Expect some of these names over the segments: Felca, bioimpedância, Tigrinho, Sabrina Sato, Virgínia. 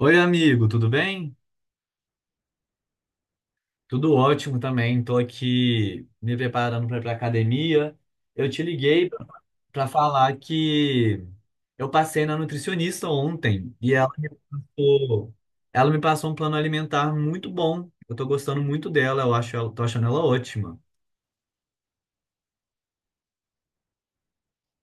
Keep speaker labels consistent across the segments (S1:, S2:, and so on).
S1: Oi, amigo, tudo bem? Tudo ótimo também. Estou aqui me preparando para ir para academia. Eu te liguei para falar que eu passei na nutricionista ontem e ela me passou um plano alimentar muito bom. Eu estou gostando muito dela, eu acho, tô achando ela ótima.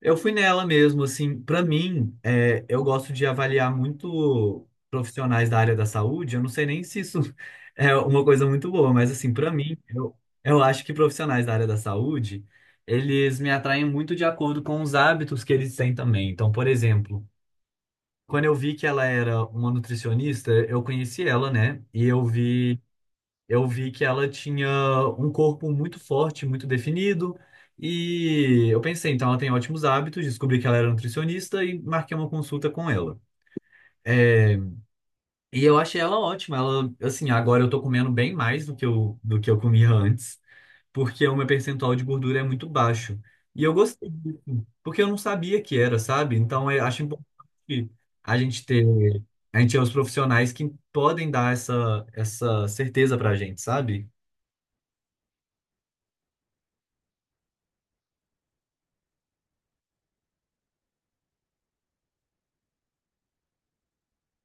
S1: Eu fui nela mesmo, assim, pra mim, eu gosto de avaliar muito profissionais da área da saúde. Eu não sei nem se isso é uma coisa muito boa, mas assim, pra mim, eu acho que profissionais da área da saúde, eles me atraem muito de acordo com os hábitos que eles têm também. Então, por exemplo, quando eu vi que ela era uma nutricionista, eu conheci ela, né? E eu vi que ela tinha um corpo muito forte, muito definido, e eu pensei, então ela tem ótimos hábitos, descobri que ela era nutricionista e marquei uma consulta com ela. É, e eu achei ela ótima, ela, assim, agora eu tô comendo bem mais do que eu comia antes, porque o meu percentual de gordura é muito baixo. E eu gostei disso, porque eu não sabia que era, sabe? Então eu acho importante a gente ter, a gente é os profissionais que podem dar essa, essa certeza pra gente, sabe?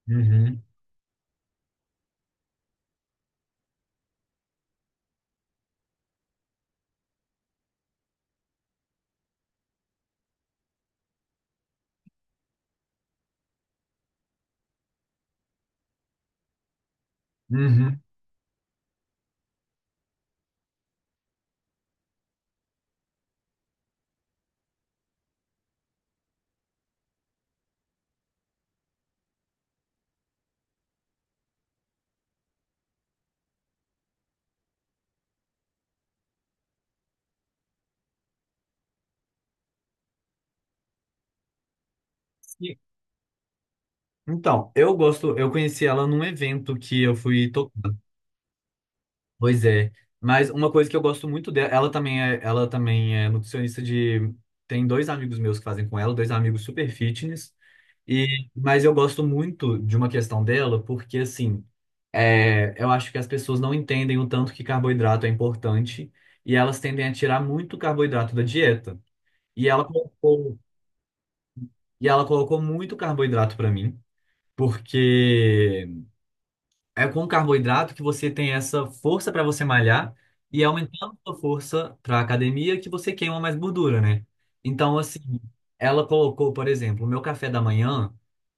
S1: Uhum. Uhum. Sim. Então, eu conheci ela num evento que eu fui tocar. Pois é. Mas uma coisa que eu gosto muito dela, ela também é nutricionista de. Tem dois amigos meus que fazem com ela, dois amigos super fitness. E, mas eu gosto muito de uma questão dela, porque assim, eu acho que as pessoas não entendem o tanto que carboidrato é importante e elas tendem a tirar muito carboidrato da dieta. E ela colocou, e ela colocou muito carboidrato pra mim, porque é com carboidrato que você tem essa força para você malhar e é aumentando a sua força para academia que você queima mais gordura, né? Então, assim, ela colocou, por exemplo, o meu café da manhã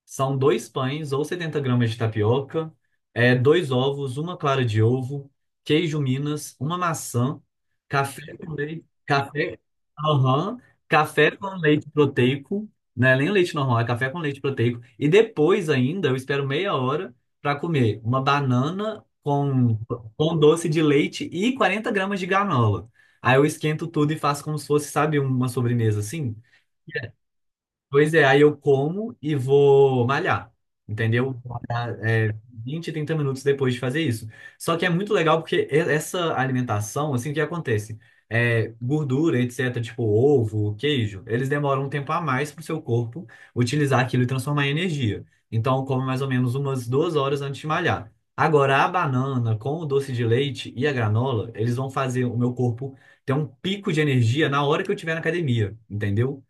S1: são dois pães ou 70 gramas de tapioca, dois ovos, uma clara de ovo, queijo Minas, uma maçã, café com leite, café, aham, café com leite proteico, não é nem leite normal, é café com leite proteico. E depois ainda, eu espero meia hora para comer uma banana com doce de leite e 40 gramas de granola. Aí eu esquento tudo e faço como se fosse, sabe, uma sobremesa assim. Pois é, aí eu como e vou malhar, entendeu? Vou malhar. 20, 30 minutos depois de fazer isso. Só que é muito legal porque essa alimentação, assim, o que acontece? Gordura, etc., tipo ovo, queijo, eles demoram um tempo a mais para o seu corpo utilizar aquilo e transformar em energia. Então, eu como mais ou menos umas 2 horas antes de malhar. Agora, a banana com o doce de leite e a granola, eles vão fazer o meu corpo ter um pico de energia na hora que eu estiver na academia, entendeu?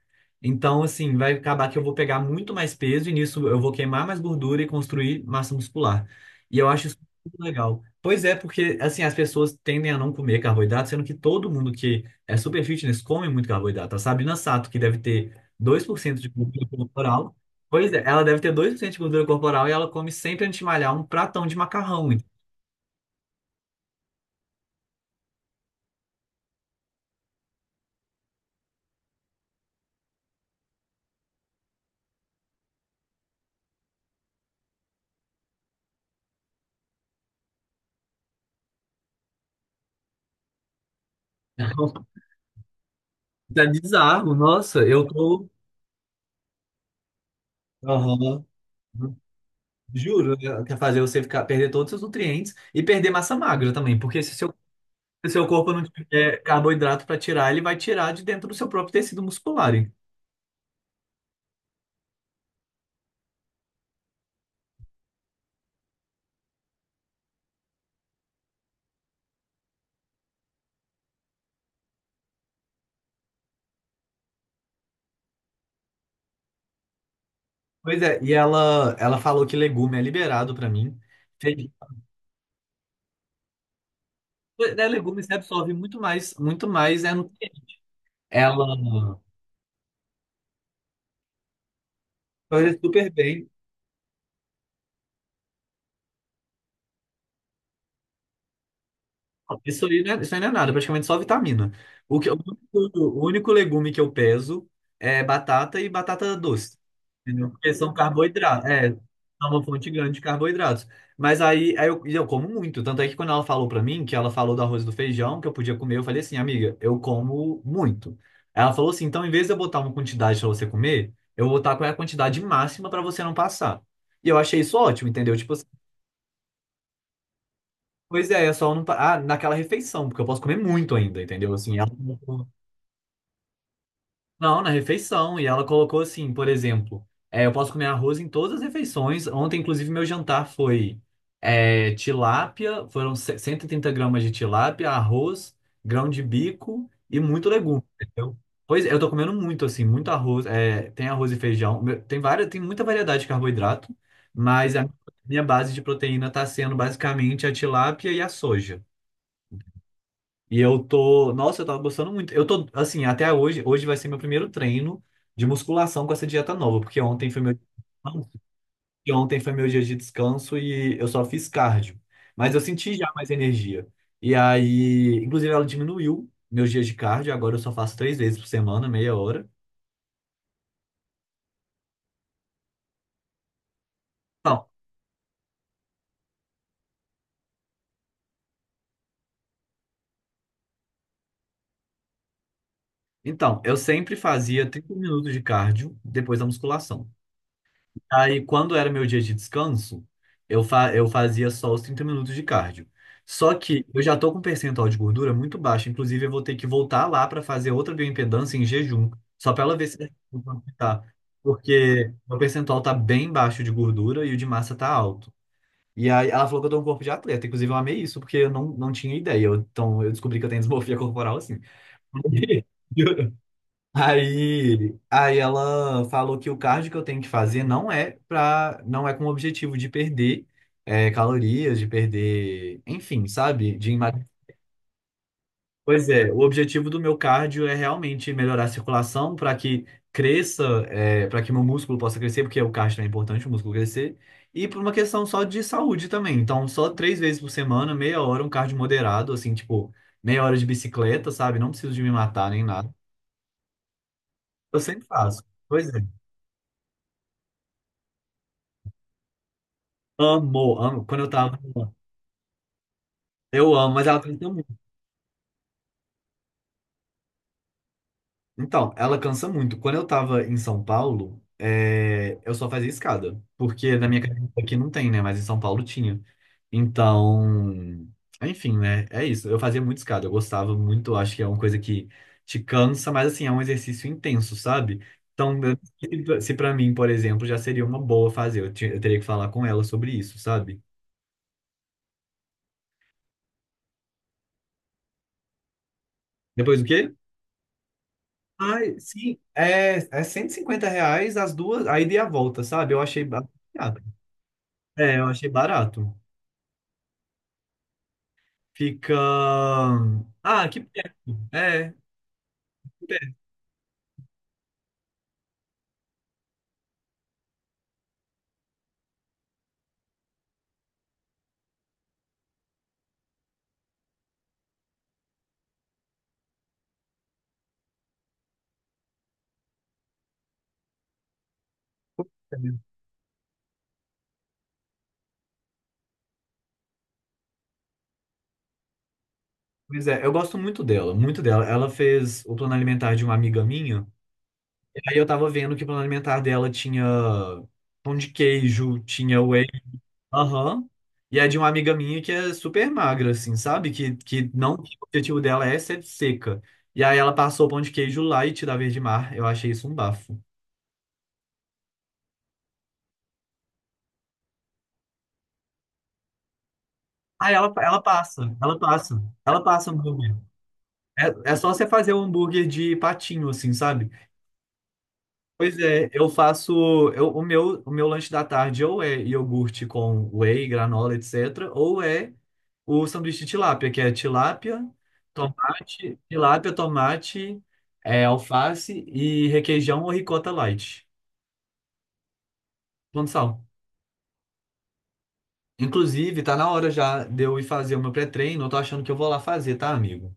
S1: Então, assim, vai acabar que eu vou pegar muito mais peso e nisso eu vou queimar mais gordura e construir massa muscular. E eu acho isso muito legal. Pois é, porque, assim, as pessoas tendem a não comer carboidrato, sendo que todo mundo que é super fitness come muito carboidrato. A Sabrina Sato, que deve ter 2% de gordura corporal, pois é, ela deve ter 2% de gordura corporal e ela come sempre antes de malhar um pratão de macarrão. Então, é bizarro, nossa, eu tô. Aham. Juro, quer fazer você ficar, perder todos os seus nutrientes e perder massa magra também, porque se seu corpo não tiver carboidrato para tirar, ele vai tirar de dentro do seu próprio tecido muscular. Hein? Pois é, e ela falou que legume é liberado para mim. Feijão, né, legume você absorve muito mais, nutriente. Ela faz super bem. Isso aí, isso aí não é nada, praticamente só vitamina. O que, o único, o único legume que eu peso é batata e batata doce. Entendeu? Porque são carboidratos. É, é uma fonte grande de carboidratos. Mas aí eu como muito. Tanto é que quando ela falou pra mim, que ela falou do arroz e do feijão, que eu podia comer, eu falei assim, amiga, eu como muito. Ela falou assim, então em vez de eu botar uma quantidade pra você comer, eu vou botar qual é a quantidade máxima pra você não passar. E eu achei isso ótimo, entendeu? Tipo. Pois é, é só não. Ah, naquela refeição, porque eu posso comer muito ainda, entendeu? Assim, Não, na refeição. E ela colocou assim, por exemplo, eu posso comer arroz em todas as refeições. Ontem, inclusive, meu jantar foi tilápia, foram 130 gramas de tilápia, arroz, grão de bico e muito legume, entendeu? Pois é, eu tô comendo muito, assim, muito arroz. É, tem arroz e feijão, tem várias, tem muita variedade de carboidrato, mas a minha base de proteína tá sendo basicamente a tilápia e a soja. E eu tô, nossa, eu tava gostando muito. Eu tô, assim, até hoje, hoje vai ser meu primeiro treino de musculação com essa dieta nova, porque ontem foi meu dia de descanso e eu só fiz cardio. Mas eu senti já mais energia. E aí, inclusive ela diminuiu meus dias de cardio, agora eu só faço três vezes por semana, meia hora. Então, eu sempre fazia 30 minutos de cardio depois da musculação. Aí, quando era meu dia de descanso, eu fazia só os 30 minutos de cardio. Só que eu já tô com um percentual de gordura muito baixo. Inclusive, eu vou ter que voltar lá para fazer outra bioimpedância em jejum, só para ela ver se tá. Porque meu percentual tá bem baixo de gordura e o de massa tá alto. E aí, ela falou que eu tô com um corpo de atleta. Inclusive, eu amei isso, porque eu não tinha ideia. Então, eu descobri que eu tenho desmorfia corporal assim. Aí, ela falou que o cardio que eu tenho que fazer não é com o objetivo de perder calorias, de perder, enfim, sabe? De emagrecer. Pois é, o objetivo do meu cardio é realmente melhorar a circulação para que cresça, para que meu músculo possa crescer, porque o cardio é importante, o músculo crescer, e por uma questão só de saúde também. Então, só três vezes por semana, meia hora, um cardio moderado, assim, tipo, meia hora de bicicleta, sabe? Não preciso de me matar nem nada. Eu sempre faço. Pois é. Amo, amo. Quando eu tava. Eu amo, mas ela cansa muito. Então, ela cansa muito. Quando eu tava em São Paulo, eu só fazia escada. Porque na minha casa aqui não tem, né? Mas em São Paulo tinha. Então, enfim, né? É isso. Eu fazia muito escada. Eu gostava muito. Acho que é uma coisa que te cansa, mas assim, é um exercício intenso, sabe? Então, se pra mim, por exemplo, já seria uma boa fazer. Eu teria que falar com ela sobre isso, sabe? Depois o quê? Ai, sim, é R$ 150 as duas, a ida e a volta, sabe? Eu achei barato. É, eu achei barato. Fica. Ah, que pena. É, que pena. Pois é, eu gosto muito dela, muito dela. Ela fez o plano alimentar de uma amiga minha. E aí eu tava vendo que o plano alimentar dela tinha pão de queijo, tinha whey. Aham. E é de uma amiga minha que é super magra, assim, sabe? Que não, que o objetivo dela é ser seca. E aí ela passou o pão de queijo lá e tira verde mar. Eu achei isso um bafo. Ah, ela passa hambúrguer. É, é só você fazer o hambúrguer de patinho, assim, sabe? Pois é, eu faço eu- o meu lanche da tarde ou é iogurte com whey, granola, etc, ou é o sanduíche de tilápia, que é tilápia, tomate, é, alface e requeijão ou ricota light, plano sal. Inclusive, tá na hora já de eu ir fazer o meu pré-treino, eu tô achando que eu vou lá fazer, tá, amigo?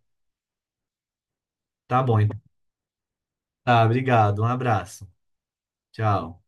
S1: Tá bom, então. Tá, obrigado, um abraço. Tchau.